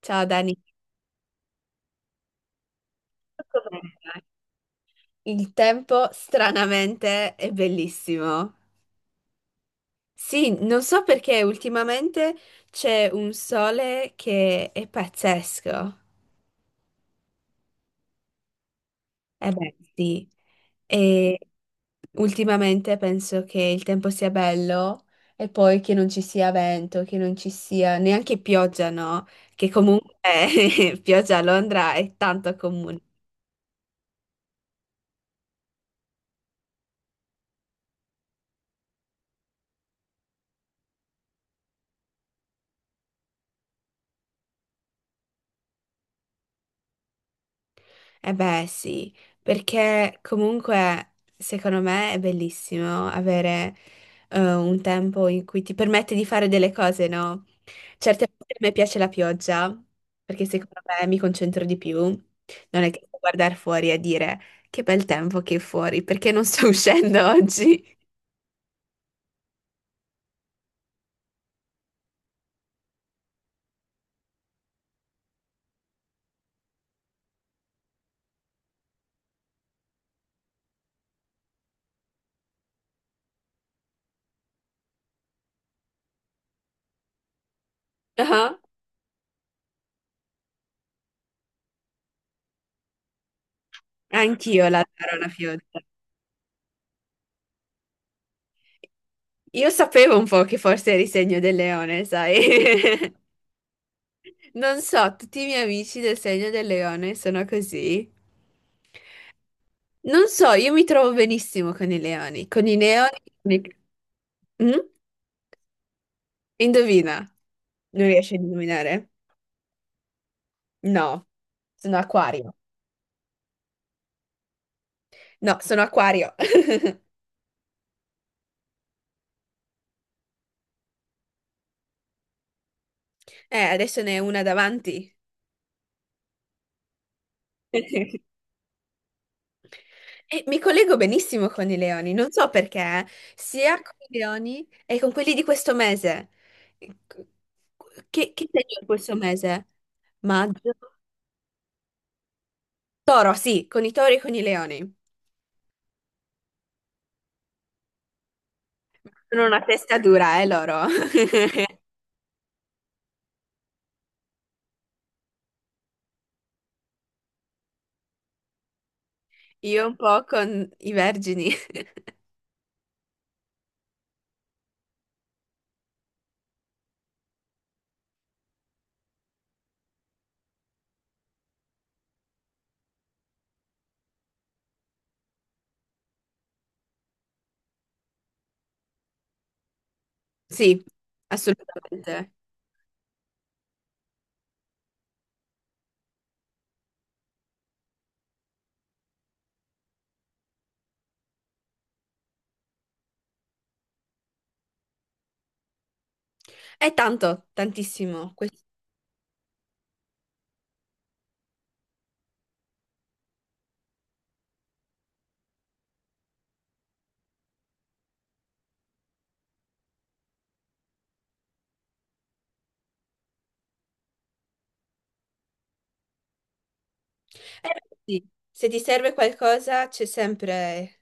Ciao Dani, come stai? Il tempo stranamente è bellissimo. Sì, non so perché ultimamente c'è un sole che è pazzesco. Eh beh, sì. E ultimamente penso che il tempo sia bello e poi che non ci sia vento, che non ci sia neanche pioggia, no? Che comunque pioggia a Londra è tanto comune. Eh beh, sì, perché comunque secondo me è bellissimo avere un tempo in cui ti permette di fare delle cose, no? Certe volte a me piace la pioggia, perché secondo me mi concentro di più. Non è che sto a guardare fuori e dire che bel tempo che è fuori, perché non sto uscendo oggi. Ah, anch'io la darò la pioggia. Io sapevo un po' che forse eri segno del leone, sai? Non so, tutti i miei amici del segno del leone sono così. Non so, io mi trovo benissimo con i leoni. Con i leoni... con i- Mm? Indovina. Non riesci a indovinare? No, sono acquario. No, sono acquario. Adesso ne è una davanti. E mi collego benissimo con i leoni, non so perché, sia con i leoni e con quelli di questo mese. Che, che segno è questo mese? Maggio? Toro, sì, con i tori e con i leoni. Sono una testa dura, loro. Io un po' con i vergini. Sì, assolutamente. È tanto, tantissimo. Questo- eh, sì, se ti serve qualcosa c'è sempre...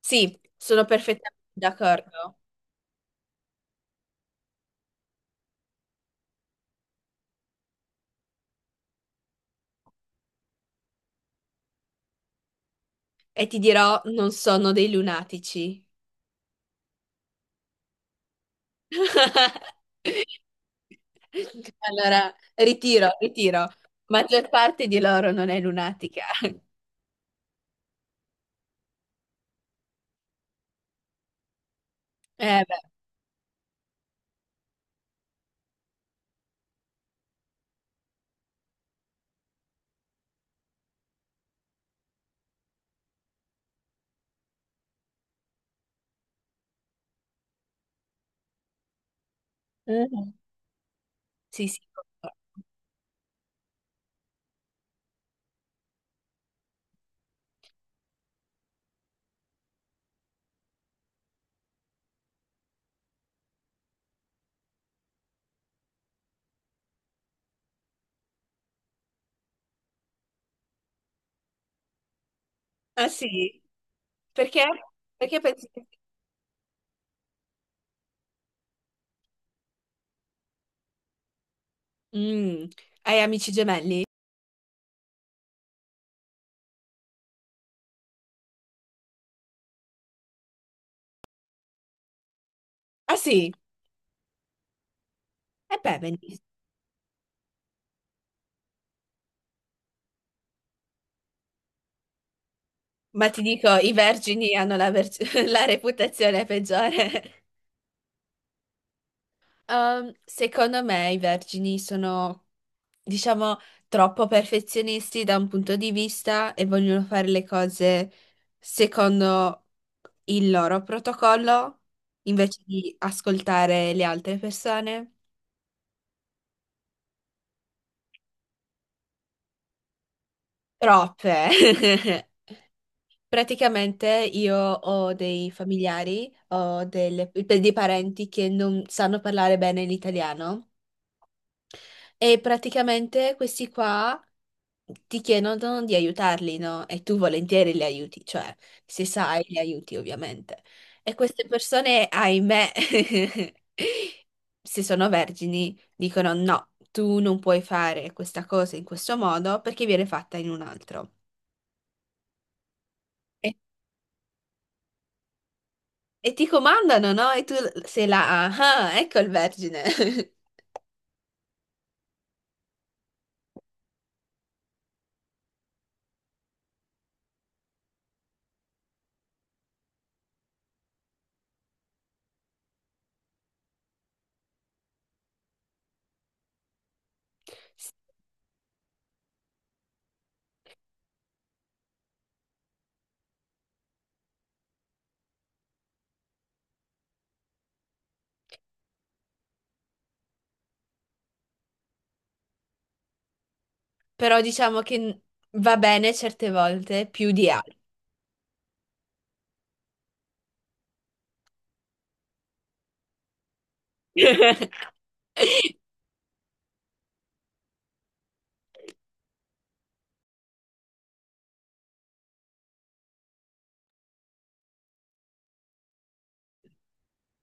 Sì, sono perfettamente d'accordo. E ti dirò, non sono dei lunatici. Allora, ritiro, ritiro. Maggior parte di loro non è lunatica. Eh beh. Mhm. Sì, sì. Ah sì? Perché? Perché pensi che... Mm, hai amici gemelli? Ah sì? E beh, benissimo. Ma ti dico, i vergini hanno la, ver- la reputazione peggiore. Secondo me i vergini sono, diciamo, troppo perfezionisti da un punto di vista e vogliono fare le cose secondo il loro protocollo invece di ascoltare le altre persone. Troppe. Praticamente io ho dei familiari, ho dei parenti che non sanno parlare bene l'italiano e praticamente questi qua ti chiedono di aiutarli, no? E tu volentieri li aiuti, cioè se sai li aiuti ovviamente. E queste persone, ahimè, se sono vergini, dicono no, tu non puoi fare questa cosa in questo modo perché viene fatta in un altro. E ti comandano, no? E tu sei là, ah, ah, ecco il vergine. Però diciamo che va bene certe volte più di altre.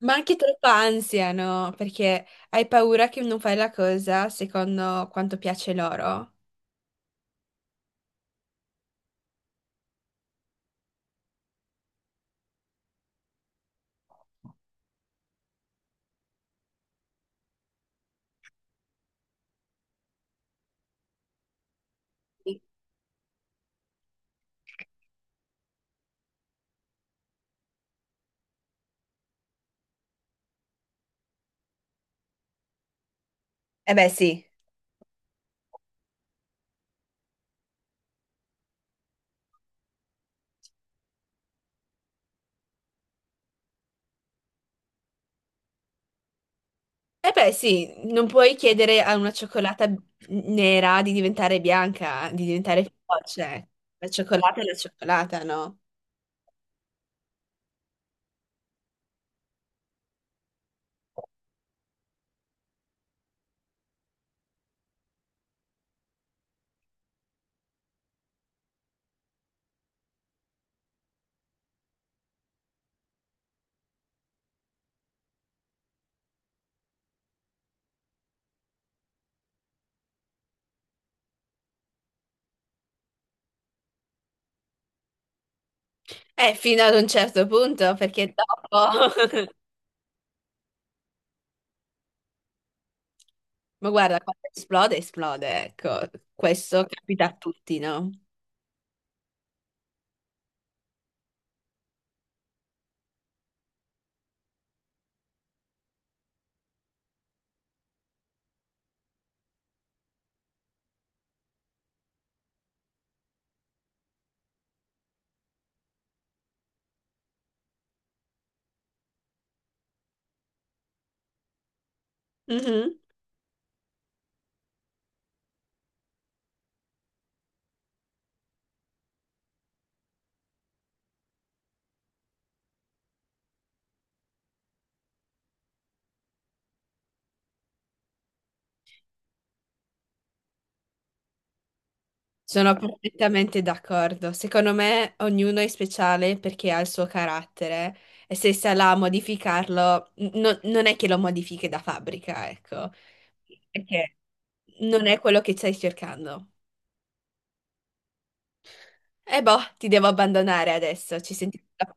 Ma anche troppa ansia, no? Perché hai paura che non fai la cosa secondo quanto piace loro. Sì. Eh beh, sì. Eh beh, sì, non puoi chiedere a una cioccolata nera di diventare bianca, di diventare feroce. La cioccolata è la cioccolata, no? Fino ad un certo punto, perché dopo... Ma guarda, quando esplode, esplode, ecco. Questo capita a tutti, no? Mhm. Sono perfettamente d'accordo. Secondo me ognuno è speciale perché ha il suo carattere e se sarà a modificarlo, non è che lo modifichi da fabbrica, ecco. Perché? Non è quello che stai cercando. E boh, ti devo abbandonare adesso, ci sentiamo.